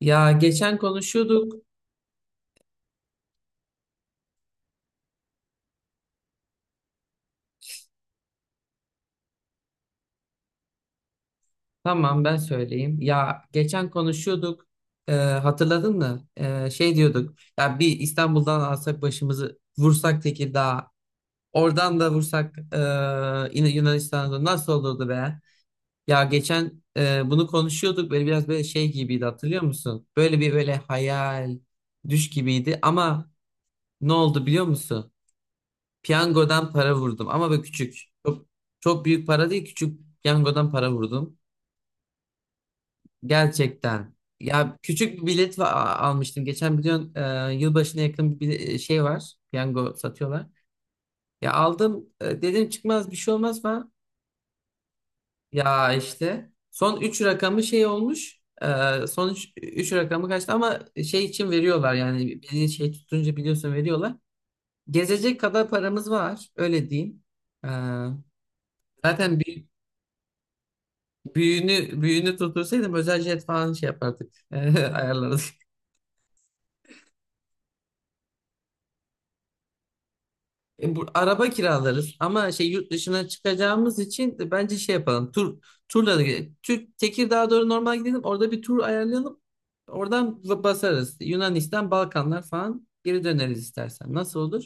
Ya geçen konuşuyorduk. Tamam, ben söyleyeyim. Ya geçen konuşuyorduk. Hatırladın mı? Şey diyorduk. Ya bir İstanbul'dan alsak başımızı vursak Tekirdağ'a. Oradan da vursak yine Yunanistan'da nasıl olurdu be? Ya geçen bunu konuşuyorduk. Böyle biraz böyle şey gibiydi, hatırlıyor musun? Böyle bir böyle hayal, düş gibiydi. Ama ne oldu biliyor musun? Piyangodan para vurdum. Ama böyle küçük. Çok, çok büyük para değil, küçük piyangodan para vurdum. Gerçekten. Ya küçük bir bilet va- almıştım. Geçen biliyorsun yılbaşına yakın bir şey var. Piyango satıyorlar. Ya aldım, dedim çıkmaz, bir şey olmaz mı? Ya işte son 3 rakamı şey olmuş. Son 3 rakamı kaçtı ama şey için veriyorlar, yani beni şey tutunca biliyorsun veriyorlar. Gezecek kadar paramız var, öyle diyeyim. E, Zaten büyüğünü tutursaydım özel jet falan şey yapardık. Ayarlarız. Bu, araba kiralarız ama şey, yurt dışına çıkacağımız için de bence şey yapalım. Turla da gidelim. Türk Tekirdağ'a doğru normal gidelim. Orada bir tur ayarlayalım. Oradan basarız. Yunanistan, Balkanlar falan geri döneriz istersen. Nasıl olur?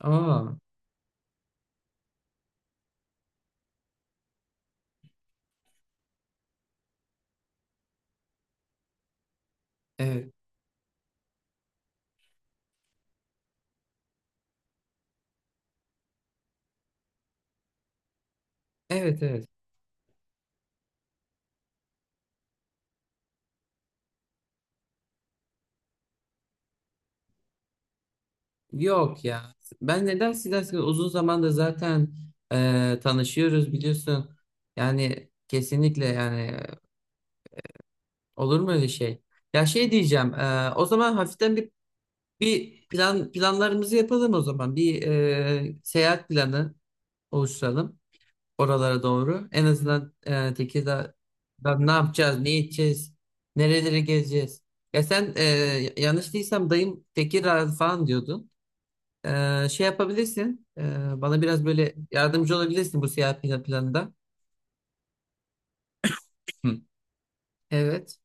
Aa, evet. Evet, evet. Yok ya. Ben neden sizden? Uzun zamandır zaten tanışıyoruz biliyorsun. Yani kesinlikle yani, olur mu öyle şey? Ya şey diyeceğim. O zaman hafiften bir bir plan, planlarımızı yapalım o zaman. Bir seyahat planı oluşturalım oralara doğru. En azından Tekirdağ'dan ne yapacağız, ne edeceğiz, nereleri gezeceğiz. Ya sen, yanlış değilsem dayım Tekirdağ falan diyordun. Şey yapabilirsin. Bana biraz böyle yardımcı olabilirsin bu seyahat planında. Hı. Evet.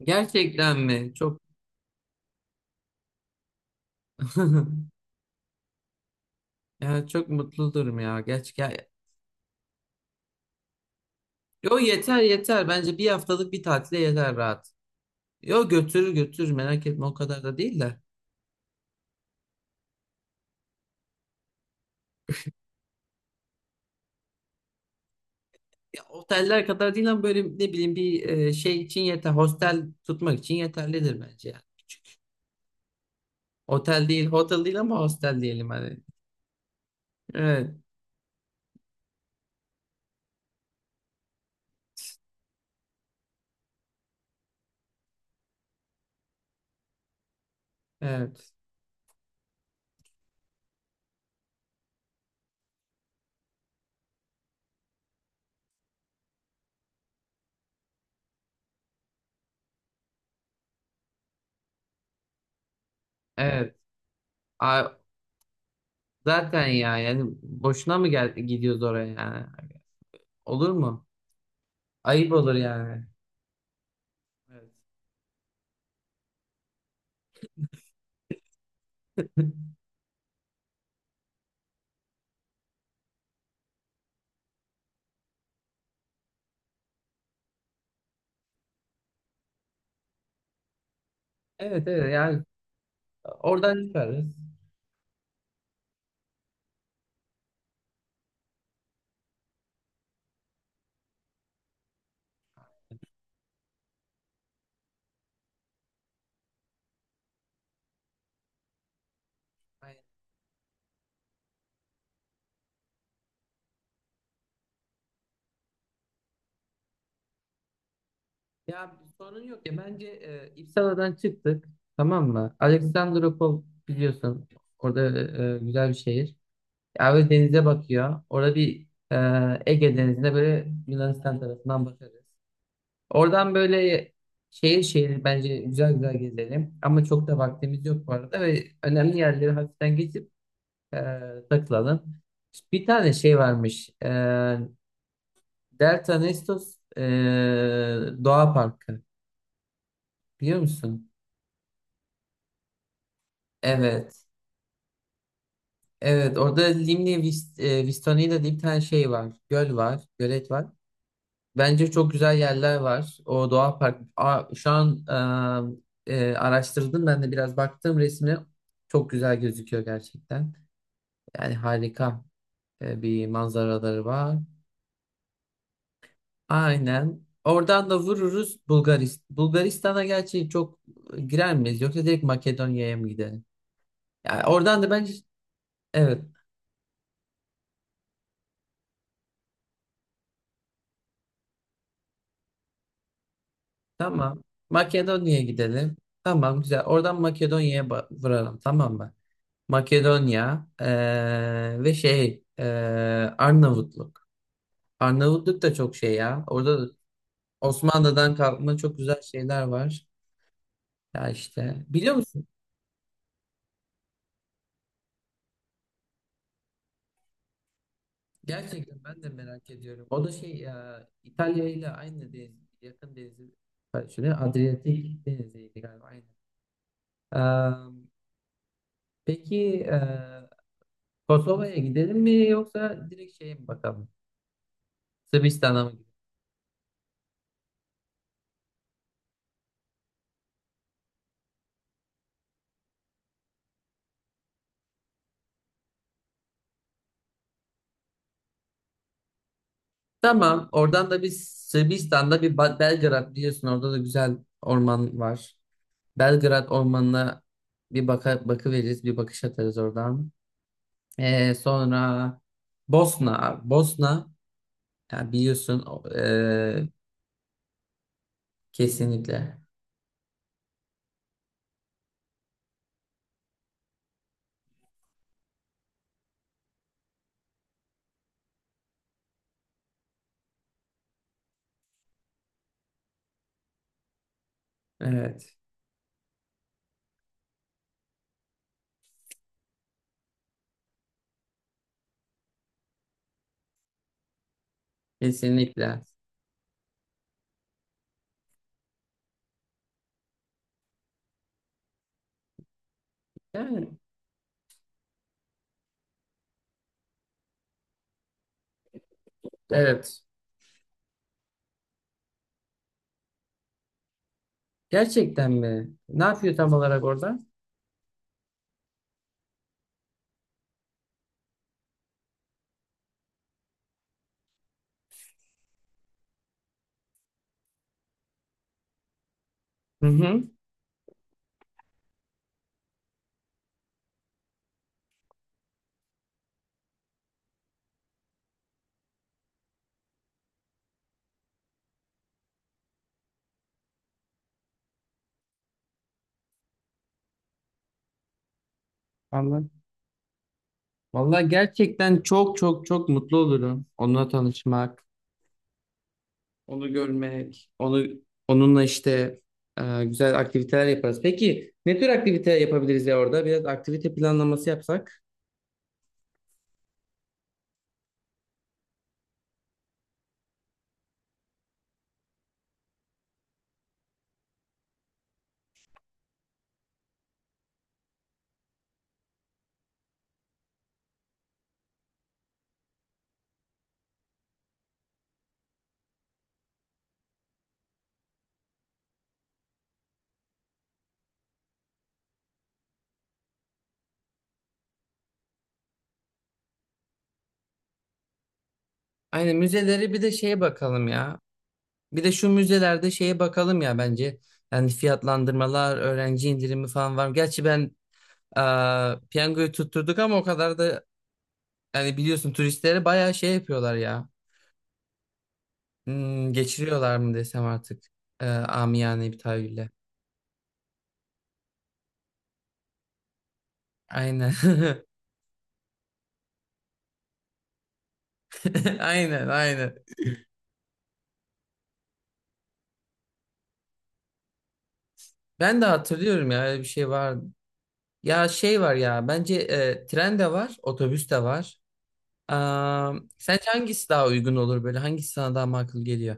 Gerçekten mi? Çok. Ya çok mutlu durum ya. Gerçekten. Yo, yeter yeter. Bence bir haftalık bir tatile yeter rahat. Yo, götürür götürür, merak etme, o kadar da değil de. Ya, oteller kadar değil ama böyle ne bileyim bir şey için yeter. Hostel tutmak için yeterlidir bence yani. Otel değil, hotel değil ama hostel diyelim hadi. Evet, evet, evet. A- Zaten ya yani boşuna mı gel gidiyoruz oraya yani? Olur mu? Ayıp olur yani. Evet. Evet, evet yani oradan çıkarız. Ya sorun yok ya. Bence İpsala'dan çıktık, tamam mı? Alexandropol biliyorsun, orada güzel bir şehir. Ya böyle denize bakıyor. Orada bir, Ege Denizi'ne böyle Yunanistan tarafından bakarız. Oradan böyle şehir şehir bence güzel güzel gezelim. Ama çok da vaktimiz yok bu arada ve önemli yerleri hafiften geçip e, takılalım. Bir tane şey varmış. Delta Nestos, Doğa Parkı, biliyor musun? Evet. Evet, orada Limni Vistonya'da diye bir tane şey var. Göl var. Gölet var. Bence çok güzel yerler var. O doğa park. Aa, şu an araştırdım, ben de biraz baktım resmi. Çok güzel gözüküyor gerçekten. Yani harika bir manzaraları var. Aynen. Oradan da vururuz Bulgaristan. Bulgaristan'a gerçi çok girer miyiz, yoksa direkt Makedonya'ya mı gidelim? Yani oradan da bence evet. Tamam. Makedonya'ya gidelim. Tamam, güzel. Oradan Makedonya'ya vuralım, tamam mı? Makedonya, ve şey, Arnavutluk. Arnavutluk da çok şey ya. Orada da Osmanlı'dan kalma çok güzel şeyler var. Ya işte, biliyor musun? Gerçekten ben de merak ediyorum. O da şey ya, İtalya ile aynı deniz, yakın denizi paylaşıyor. Adriyatik deniziydi galiba, aynı. Eee, peki Kosova'ya gidelim mi, yoksa direkt şeye mi bakalım? Sırbistan'a mı gidelim? Tamam. Oradan da biz Sırbistan'da bir Belgrad, biliyorsun, orada da güzel orman var. Belgrad ormanına bir bakı veririz, bir bakış atarız oradan. Sonra Bosna, ya biliyorsun kesinlikle. Evet, kesinlikle. Yani evet. Gerçekten mi? Ne yapıyor tam olarak orada? Hı hı. Anladım. Vallahi gerçekten çok çok çok mutlu olurum. Onunla tanışmak, onu görmek, onunla işte güzel aktiviteler yaparız. Peki ne tür aktivite yapabiliriz ya orada? Biraz aktivite planlaması yapsak. Aynen, müzeleri bir de şeye bakalım ya. Bir de şu müzelerde şeye bakalım ya bence. Yani fiyatlandırmalar, öğrenci indirimi falan var mı? Gerçi ben e, piyangoyu tutturduk ama o kadar da yani, biliyorsun turistlere bayağı şey yapıyorlar ya. Hmm, geçiriyorlar mı desem artık, amiyane bir tabirle. Aynen. Aynen, aynen. Ben de hatırlıyorum ya, öyle bir şey var. Ya şey var ya, bence tren de var, otobüs de var. Aa, sence hangisi daha uygun olur böyle? Hangisi sana daha makul geliyor?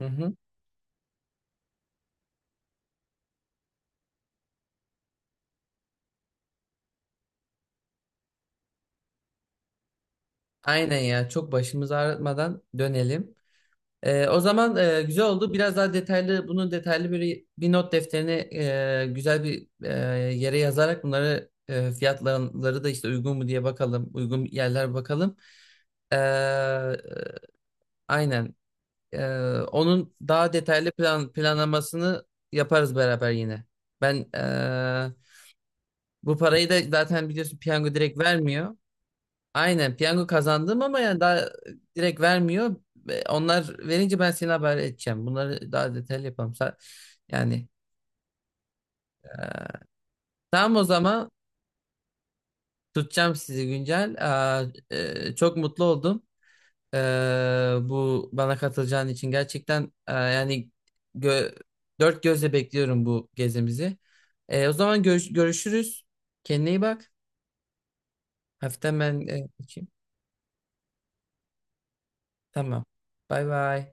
Hı hı. Aynen ya, çok başımızı ağrıtmadan dönelim. O zaman güzel oldu. Biraz daha detaylı, bunun detaylı böyle bir not defterine, güzel bir yere yazarak bunları, fiyatları da işte uygun mu diye bakalım, uygun yerler bakalım. Ee, aynen. Ee, Onun daha detaylı planlamasını yaparız beraber yine. Ben, bu parayı da zaten biliyorsun piyango direkt vermiyor. Aynen, piyango kazandım ama yani daha direkt vermiyor. Ve onlar verince ben seni haber edeceğim. Bunları daha detaylı yapalım. Yani tamam, o zaman tutacağım sizi güncel. Aa, çok mutlu oldum. Ee, Bu bana katılacağın için gerçekten, yani gö- dört gözle bekliyorum bu gezimizi. O zaman görüşürüz. Kendine iyi bak. Hafiften ben kaçayım. Tamam. Bay bay.